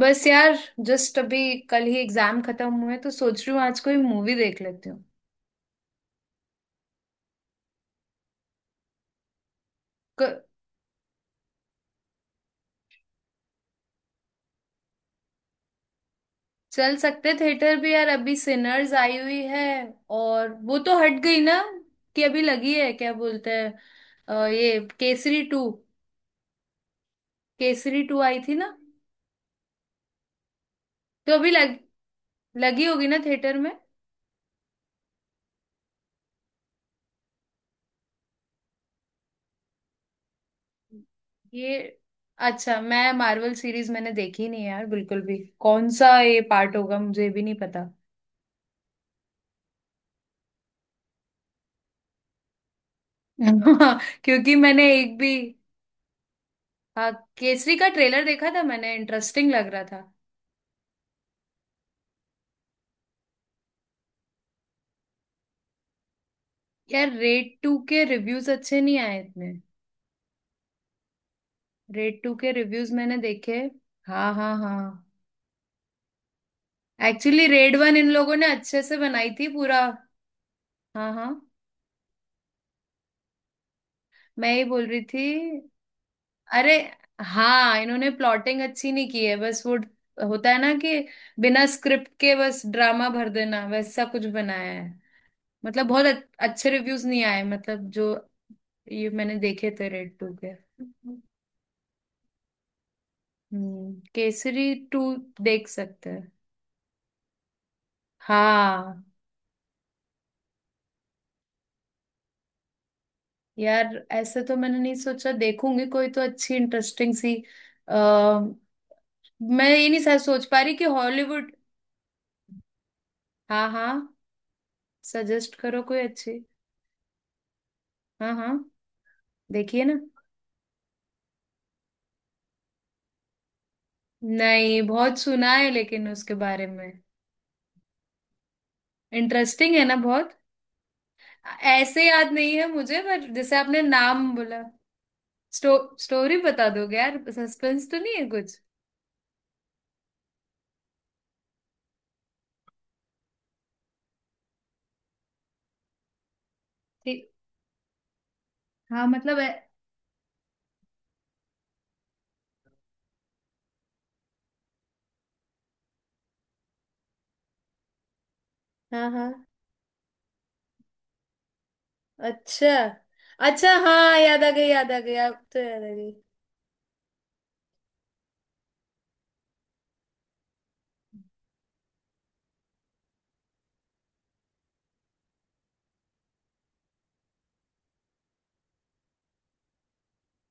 बस यार जस्ट अभी कल ही एग्जाम खत्म हुए तो सोच रही हूँ आज कोई मूवी देख लेती हूँ। क- चल सकते थिएटर भी यार, अभी सिनर्स आई हुई है। और वो तो हट गई ना? कि अभी लगी है क्या बोलते हैं ये केसरी टू। केसरी टू आई थी ना, तो अभी लग लगी होगी ना थिएटर में। ये अच्छा, मैं मार्वल सीरीज मैंने देखी नहीं है यार बिल्कुल भी, कौन सा ये पार्ट होगा मुझे भी नहीं पता। क्योंकि मैंने एक भी, हाँ, केसरी का ट्रेलर देखा था मैंने, इंटरेस्टिंग लग रहा था। यार रेड टू के रिव्यूज अच्छे नहीं आए इतने। रेड टू के रिव्यूज मैंने देखे। हाँ हाँ हाँ। एक्चुअली रेड वन इन लोगों ने अच्छे से बनाई थी पूरा। हाँ हाँ। मैं ही बोल रही थी, अरे, हाँ इन्होंने प्लॉटिंग अच्छी नहीं की है, बस वो होता है ना कि बिना स्क्रिप्ट के बस ड्रामा भर देना, वैसा कुछ बनाया है। मतलब बहुत अच्छे रिव्यूज नहीं आए मतलब, जो ये मैंने देखे थे रेड टू के। केसरी टू देख सकते हैं। हाँ यार, ऐसे तो मैंने नहीं सोचा, देखूंगी कोई तो अच्छी इंटरेस्टिंग सी। आ, मैं ये नहीं सर सोच पा रही कि हॉलीवुड। हाँ हाँ। सजेस्ट करो कोई अच्छी। हाँ हाँ, देखिए ना, नहीं बहुत सुना है लेकिन उसके बारे में। इंटरेस्टिंग है ना बहुत। ऐसे याद नहीं है मुझे, पर जैसे आपने नाम बोला, स्टोरी बता दोगे यार? सस्पेंस तो नहीं है कुछ। ठीक। हाँ मतलब है। हाँ हाँ। अच्छा अच्छा। हाँ याद आ गई, याद आ गई, अब तो याद आ गई।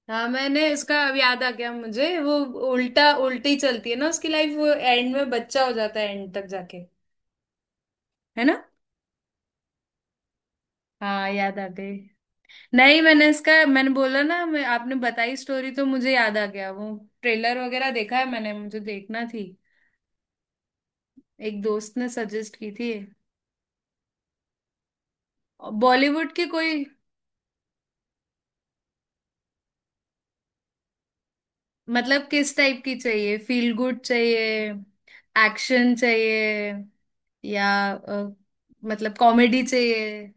हाँ मैंने उसका अब याद आ गया मुझे, वो उल्टा उल्टी चलती है ना उसकी लाइफ, वो एंड में बच्चा हो जाता है एंड तक जाके। है ना। हाँ याद आ गई। नहीं मैंने इसका, मैंने बोला ना, मैं आपने बताई स्टोरी तो मुझे याद आ गया वो, ट्रेलर वगैरह देखा है मैंने, मुझे देखना थी, एक दोस्त ने सजेस्ट की थी। बॉलीवुड की कोई? मतलब किस टाइप की चाहिए, फील गुड चाहिए, एक्शन चाहिए, या अ, मतलब कॉमेडी चाहिए?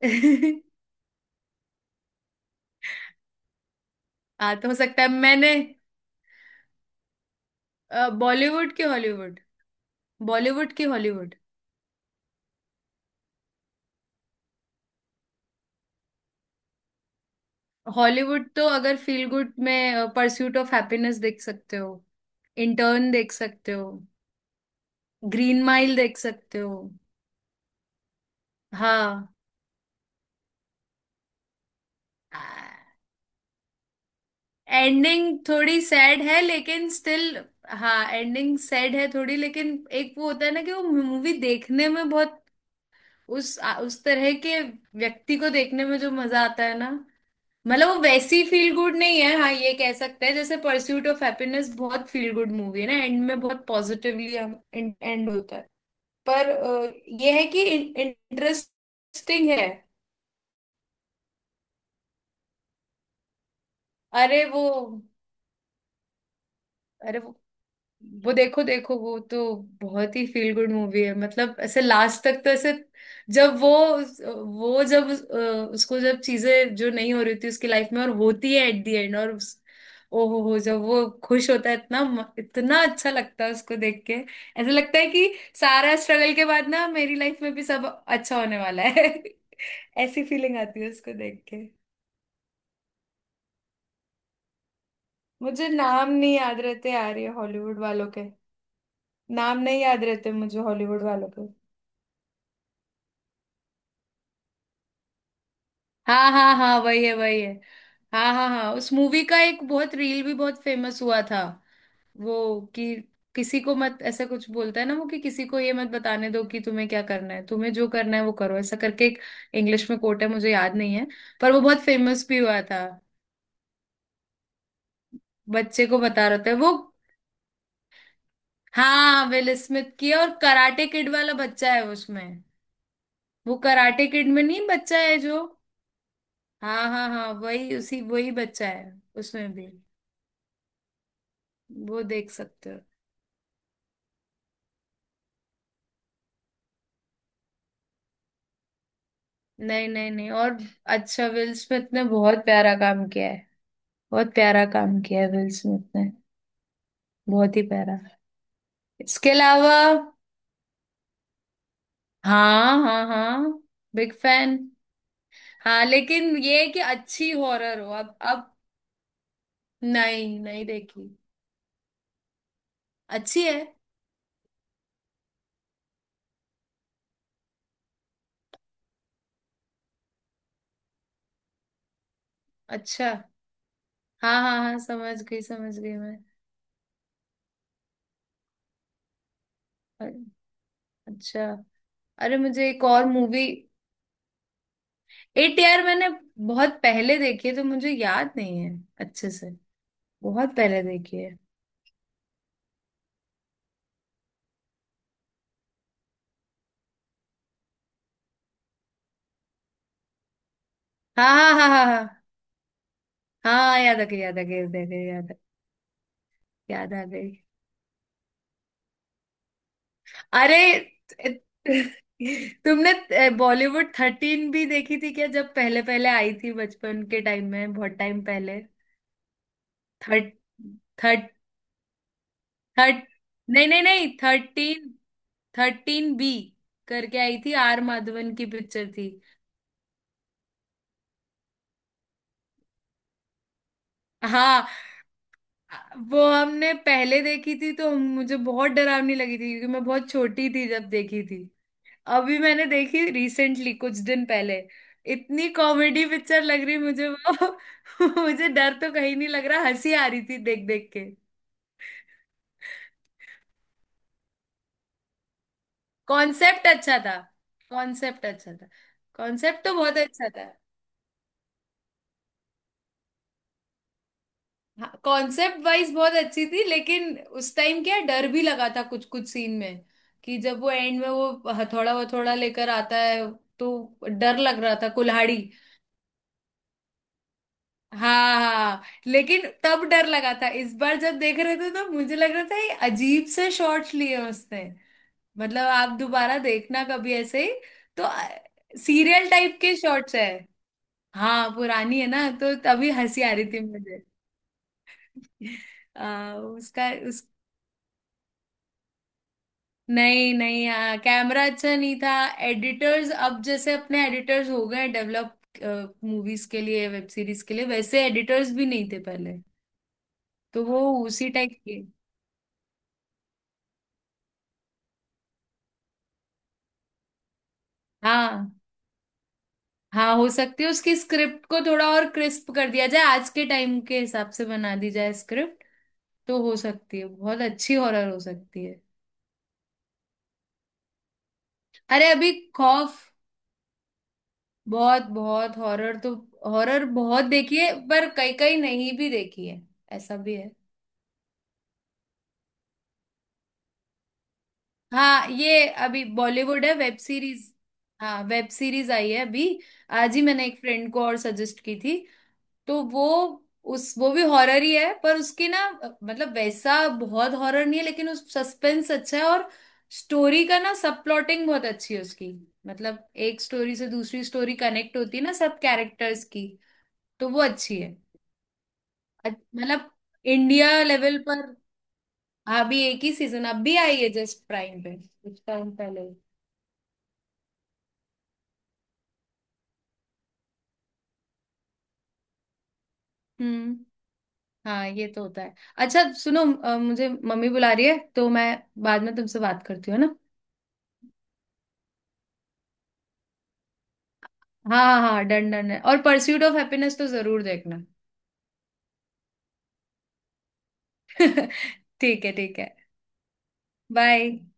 हाँ तो हो सकता है मैंने, बॉलीवुड की हॉलीवुड बॉलीवुड की हॉलीवुड। हॉलीवुड तो अगर फील गुड में परस्यूट ऑफ हैप्पीनेस देख सकते हो, इंटर्न देख सकते हो, ग्रीन माइल देख सकते हो। हाँ एंडिंग थोड़ी सैड है लेकिन स्टिल। हाँ एंडिंग सैड है थोड़ी, लेकिन एक वो होता है ना कि वो मूवी देखने में बहुत उस तरह के व्यक्ति को देखने में जो मजा आता है ना। मतलब वो वैसी फील गुड नहीं है, हाँ ये कह सकते हैं, जैसे परस्यूट ऑफ हैप्पीनेस बहुत फील गुड मूवी है ना, एंड में बहुत पॉजिटिवली एंड होता है। पर ये है कि इंटरेस्टिंग है। अरे वो अरे वो देखो देखो, वो तो बहुत ही फील गुड मूवी है, मतलब ऐसे लास्ट तक तो ऐसे, जब वो जब उस- अ, उसको जब चीजें जो नहीं हो रही थी उसकी लाइफ में और होती है एट दी एंड, ओ हो, जब वो खुश होता है इतना, इतना अच्छा लगता है उसको देख के, ऐसा लगता है कि सारा स्ट्रगल के बाद ना मेरी लाइफ में भी सब अच्छा होने वाला है। ऐसी फीलिंग आती है उसको देख के। मुझे नाम नहीं याद रहते यार ये हॉलीवुड वालों के। नाम नहीं याद रहते मुझे हॉलीवुड वालों के। हाँ हाँ हाँ, वही है वही है। हाँ हाँ हाँ, उस मूवी का एक बहुत रील भी बहुत फेमस हुआ था। वो कि किसी को मत, ऐसा कुछ बोलता है ना वो, कि किसी को ये मत बताने दो कि तुम्हें क्या करना है, तुम्हें जो करना है वो करो, ऐसा करके एक इंग्लिश में कोट है, मुझे याद नहीं है, पर वो बहुत फेमस भी हुआ था। बच्चे को बता रहे थे वो। हाँ विल स्मिथ की है, और कराटे किड वाला बच्चा है उसमें। वो कराटे किड में नहीं, बच्चा है जो। हाँ हाँ हाँ, वही बच्चा है उसमें भी। वो देख सकते हो। नहीं नहीं नहीं, और अच्छा विल स्मिथ ने बहुत प्यारा काम किया है, बहुत प्यारा काम किया है विल स्मिथ ने, बहुत ही प्यारा। इसके अलावा हाँ हाँ हाँ, बिग फैन। हाँ लेकिन ये है कि अच्छी हॉरर हो, अब नहीं नहीं देखी। अच्छी है। अच्छा। हाँ हाँ हाँ, समझ गई मैं। अ- अच्छा, अरे मुझे एक और मूवी, एट यार मैंने बहुत पहले देखी है तो मुझे याद नहीं है अच्छे से, बहुत पहले देखी है। हाँ हाँ हाँ हाँ हाँ, हाँ याद आ गई, याद आ गई, याद आ गई, याद आ गई। अरे, तुमने बॉलीवुड थर्टीन भी देखी थी क्या? जब पहले पहले आई थी बचपन के टाइम में, बहुत टाइम पहले। थर्ट थर्ट थर्ट नहीं नहीं नहीं, थर्टीन, थर्टीन बी करके आई थी, आर माधवन की पिक्चर थी। हाँ वो हमने पहले देखी थी तो मुझे बहुत डरावनी लगी थी क्योंकि मैं बहुत छोटी थी जब देखी थी। अभी मैंने देखी रिसेंटली कुछ दिन पहले, इतनी कॉमेडी पिक्चर लग रही मुझे वो। मुझे डर तो कहीं नहीं लग रहा, हंसी आ रही थी देख देख के। कॉन्सेप्ट अच्छा था। कॉन्सेप्ट अच्छा था। कॉन्सेप्ट तो बहुत अच्छा था। हाँ कॉन्सेप्ट वाइज बहुत अच्छी थी, लेकिन उस टाइम क्या डर भी लगा था कुछ कुछ सीन में, कि जब वो एंड में वो हथौड़ा वथौड़ा लेकर आता है, तो डर लग रहा था, कुल्हाड़ी। हाँ हाँ, लेकिन तब डर लगा था, इस बार जब देख रहे थे तो मुझे लग रहा था ये अजीब से शॉर्ट्स लिए हैं उसने। मतलब आप दोबारा देखना कभी ऐसे ही तो, सीरियल टाइप के शॉर्ट्स है। हाँ पुरानी है ना तो तभी हंसी आ रही थी मुझे। उसका उस नहीं नहीं, हाँ, कैमरा अच्छा नहीं था, एडिटर्स अब जैसे अपने एडिटर्स हो गए डेवलप, मूवीज के लिए, वेब सीरीज के लिए, वैसे एडिटर्स भी नहीं थे पहले। तो वो उसी टाइप की। हाँ हाँ, हो सकती है, उसकी स्क्रिप्ट को थोड़ा और क्रिस्प कर दिया जाए, आज के टाइम के हिसाब से बना दी जाए स्क्रिप्ट तो हो सकती है, बहुत अच्छी हॉरर हो सकती है। अरे अभी खौफ, बहुत बहुत हॉरर तो, हॉरर बहुत देखी है पर कई कई नहीं भी देखी है, ऐसा भी है। हाँ ये अभी बॉलीवुड है वेब सीरीज। हाँ वेब सीरीज आई है अभी। आज ही मैंने एक फ्रेंड को और सजेस्ट की थी, तो वो, उस वो भी हॉरर ही है पर उसकी ना, मतलब वैसा बहुत हॉरर नहीं है, लेकिन उस सस्पेंस अच्छा है, और स्टोरी का ना सब प्लॉटिंग बहुत अच्छी है उसकी, मतलब एक स्टोरी से दूसरी स्टोरी कनेक्ट होती है ना सब कैरेक्टर्स की। तो वो अच्छी है। अ- मतलब इंडिया लेवल पर अभी एक ही सीजन, अब भी आई है जस्ट प्राइम पे कुछ टाइम पहले। हम्म, हाँ ये तो होता है। अच्छा सुनो, मुझे मम्मी बुला रही है तो मैं बाद में तुमसे बात करती हूँ, है ना? हाँ हाँ, डन डन है। और परस्यूट ऑफ हैप्पीनेस तो जरूर देखना। ठीक है ठीक है, बाय।